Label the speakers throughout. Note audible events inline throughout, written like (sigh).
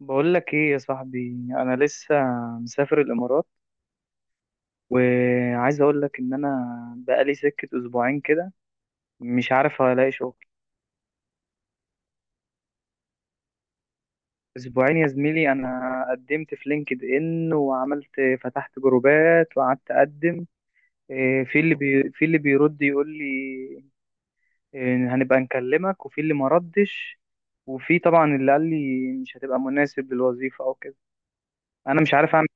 Speaker 1: بقول لك ايه يا صاحبي، انا لسه مسافر الامارات، وعايز اقول لك ان انا بقالي سكة اسبوعين كده، مش عارف هلاقي شغل. اسبوعين يا زميلي. انا قدمت في لينكد ان، وعملت فتحت جروبات، وقعدت اقدم. في اللي بيرد يقول لي هنبقى نكلمك، وفي اللي ما ردش، وفي طبعا اللي قال لي مش هتبقى مناسب للوظيفة او كده. انا مش عارف اعمل.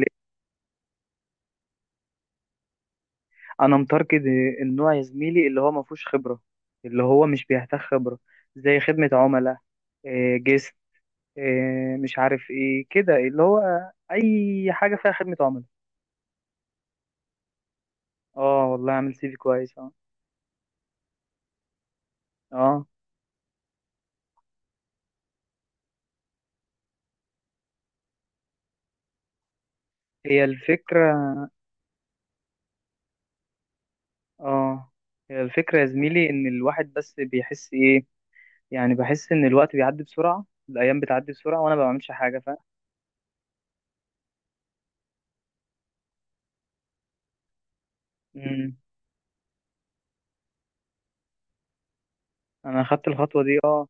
Speaker 1: انا متاركت النوع يا زميلي اللي هو ما فيهوش خبره، اللي هو مش بيحتاج خبره، زي خدمه عملاء، جيست، مش عارف ايه كده، اللي هو اي حاجه فيها خدمه عملاء. اه والله عامل سي في كويس، اه. اه، هي الفكره. اه، هي الفكره يا زميلي، ان الواحد بس بيحس ايه. يعني بحس ان الوقت بيعدي بسرعه، الايام بتعدي بسرعه، وانا ما بعملش حاجه، فاهم؟ مم. انا خدت الخطوه دي، اه.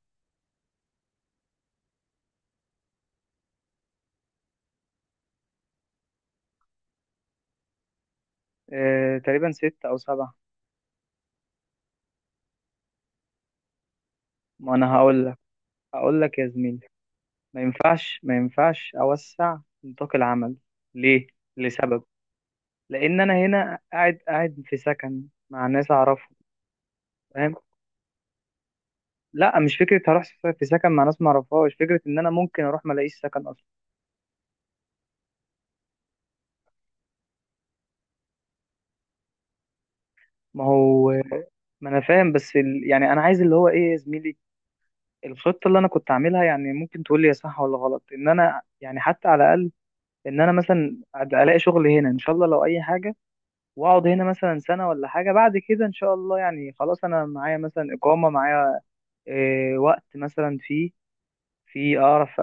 Speaker 1: تقريبا ست او سبعة. ما انا هقول لك يا زميلي، ما ينفعش ما ينفعش أوسع نطاق العمل. ليه؟ لسبب. لأن أنا هنا قاعد قاعد في سكن مع ناس أعرفهم. فاهم؟ لا، مش فكرة هروح في سكن مع ناس ما أعرفهاش، فكرة إن أنا ممكن أروح ما ألاقيش سكن أصلا. ما هو، ما أنا فاهم، بس يعني أنا عايز اللي هو إيه يا زميلي. الخطة اللي أنا كنت عاملها، يعني ممكن تقول لي يا صح ولا غلط، إن أنا يعني حتى على الأقل، إن أنا مثلا ألاقي شغل هنا إن شاء الله لو أي حاجة، واقعد هنا مثلا سنة ولا حاجة، بعد كده ان شاء الله يعني خلاص، انا معايا مثلا اقامة معايا، إيه وقت مثلا، فيه في اعرف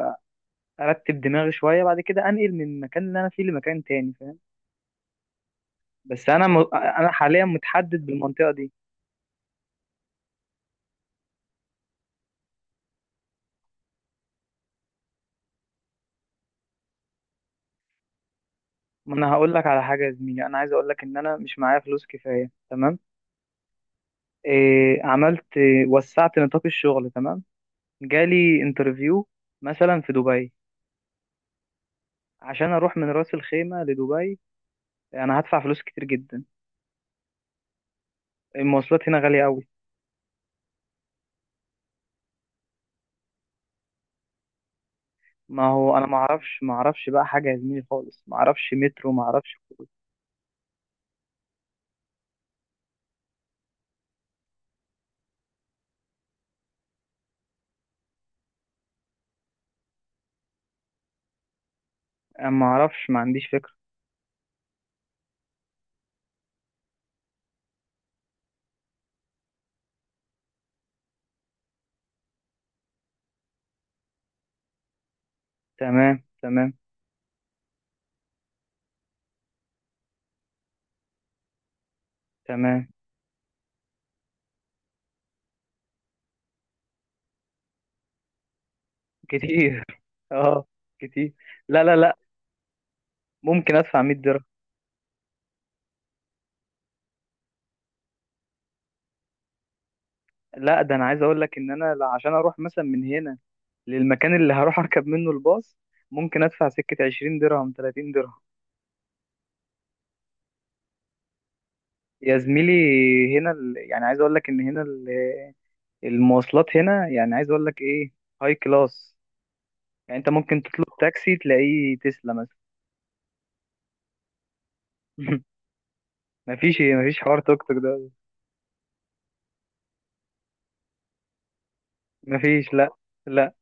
Speaker 1: ارتب دماغي شوية، بعد كده انقل من المكان اللي انا فيه لمكان تاني، فاهم؟ بس انا انا حاليا متحدد بالمنطقة دي. ما انا هقول لك على حاجة يا زميلي، انا عايز اقول لك ان انا مش معايا فلوس كفاية، تمام؟ عملت إيه؟ وسعت نطاق الشغل، تمام. جالي انترفيو مثلا في دبي، عشان اروح من راس الخيمة لدبي انا هدفع فلوس كتير جدا. المواصلات هنا غالية قوي. ما هو انا ما اعرفش، ما اعرفش بقى حاجه يا زميلي خالص، ما اعرفش مترو ما اعرفش. أنا ما اعرفش، ما عنديش فكره. تمام، تمام، تمام. كتير (laughs) اه، كتير. لا، لا، لا. ممكن ادفع 100 درهم. لا، ده انا عايز اقول لك ان انا عشان اروح مثلا من هنا للمكان اللي هروح اركب منه الباص، ممكن ادفع سكه 20 درهم، 30 درهم. يا زميلي هنا يعني عايز اقول لك ان هنا المواصلات هنا، يعني عايز اقول لك ايه، هاي كلاس، يعني انت ممكن تطلب تاكسي تلاقيه تسلا. (laughs) مفيش حوار توك توك ده. مفيش، لا. لا.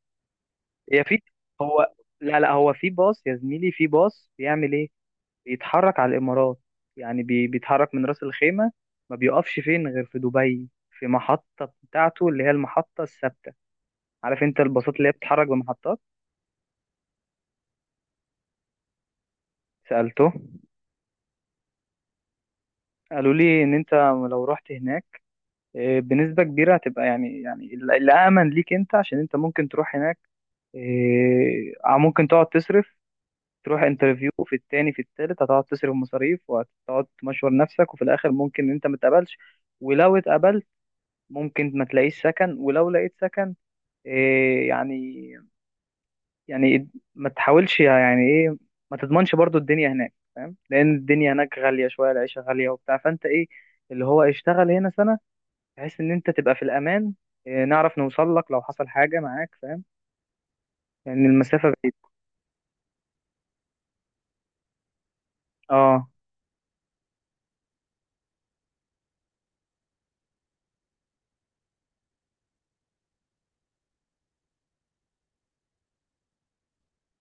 Speaker 1: هي في هو لا، لا، هو في باص يا زميلي، في باص بيعمل ايه؟ بيتحرك على الامارات. يعني بيتحرك من راس الخيمه، ما بيقفش فين غير في دبي، في محطه بتاعته اللي هي المحطه الثابته. عارف انت الباصات اللي هي بتتحرك بمحطات. سالته. قالوا لي ان انت لو رحت هناك بنسبه كبيره هتبقى، يعني يعني الامن ليك انت، عشان انت ممكن تروح هناك ممكن تقعد تصرف، تروح انترفيو في التاني في التالت، هتقعد تصرف مصاريف، وهتقعد تمشور نفسك، وفي الاخر ممكن انت ما تقبلش. ولو اتقبلت ممكن ما تلاقيش سكن، ولو لقيت سكن إيه يعني يعني ما تحاولش يعني ايه، ما تضمنش برضو الدنيا هناك، فاهم؟ لان الدنيا هناك غالية شوية، العيشة غالية وبتاع، فانت ايه اللي هو اشتغل هنا سنة، بحيث ان انت تبقى في الامان. نعرف نوصل لك لو حصل حاجة معاك، فاهم؟ لان المسافة بعيدة. اه.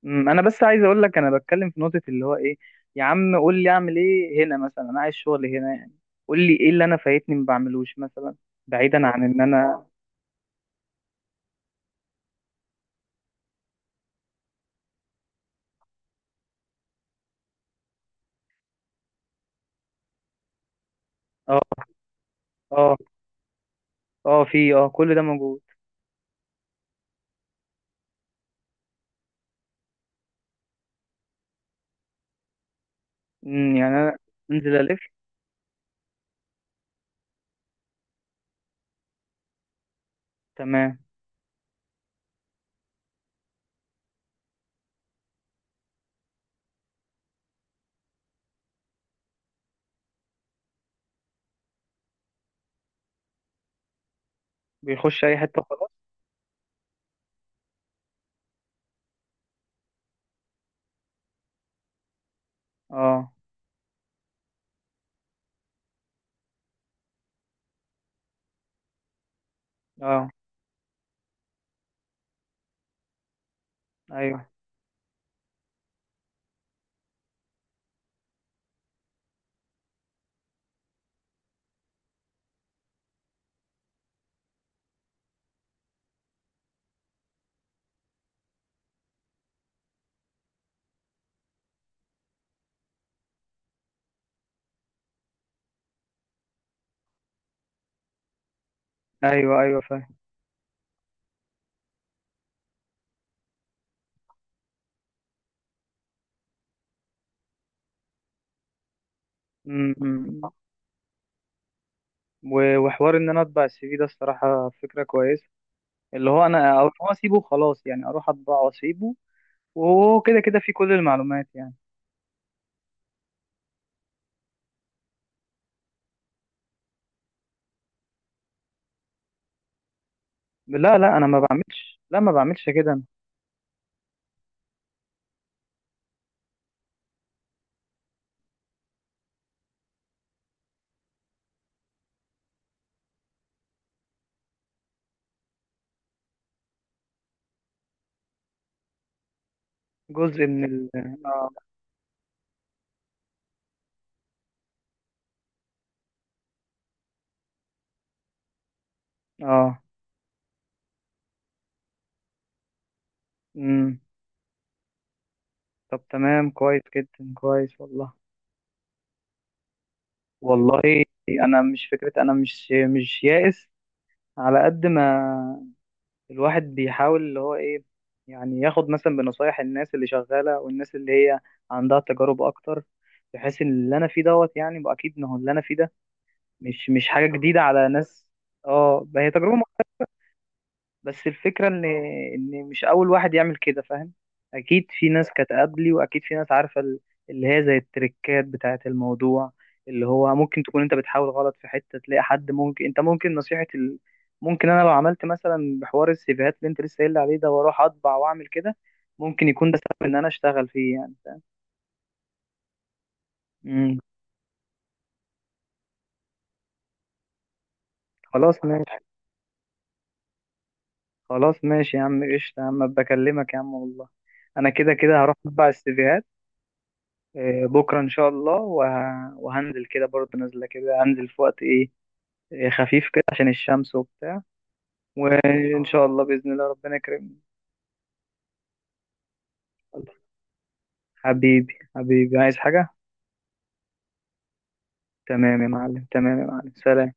Speaker 1: انا بس عايز اقول لك انا بتكلم في نقطه اللي هو ايه. يا عم قول لي اعمل ايه هنا مثلا، انا عايز شغل هنا يعني، قول لي ايه اللي انا فايتني ما بعملوش مثلا، بعيدا عن ان انا. اه، اه، اه. في كل ده موجود. يعني انا انزل الف، تمام. بيخش اي حته خلاص، اه، اه. ايوه، ايوه، ايوه، فاهم. أمم. أمم. وحوار ان انا اطبع السي في ده الصراحه فكره كويسه. اللي هو انا، او إن هو اسيبه خلاص يعني اروح اطبعه واسيبه، وهو كده كده في كل المعلومات يعني. لا، لا، انا ما بعملش، لا ما بعملش كده أنا. جزء من. اه، اه. امم طب تمام كويس جدا، كويس والله. والله انا مش فكره، انا مش يائس، على قد ما الواحد بيحاول اللي هو ايه، يعني ياخد مثلا بنصايح الناس اللي شغاله والناس اللي هي عندها تجارب اكتر، بحيث ان اللي انا فيه دوت يعني بقى، اكيد ما هو اللي انا فيه ده مش حاجه جديده على ناس. اه، هي تجربه بس الفكرة ان مش اول واحد يعمل كده، فاهم؟ اكيد في ناس كانت قبلي، واكيد في ناس عارفة اللي هي زي التريكات بتاعة الموضوع، اللي هو ممكن تكون انت بتحاول غلط في حتة، تلاقي حد ممكن انت، ممكن نصيحة ممكن انا لو عملت مثلا بحوار السيفيهات اللي انت لسه قايل لي عليه ده، واروح اطبع واعمل كده، ممكن يكون ده سبب ان انا اشتغل فيه يعني، فاهم؟ مم. خلاص ماشي. خلاص ماشي يا عم، قشطة يا عم، بكلمك يا عم والله. انا كده كده هروح اطبع السيفيهات. بكرة إن شاء الله وهنزل كده برضه، نازلة كده هنزل في وقت خفيف كده عشان الشمس وبتاع. وإن شاء الله بإذن الله ربنا يكرمني. حبيبي، حبيبي، عايز حاجة؟ تمام يا معلم، تمام يا معلم، سلام.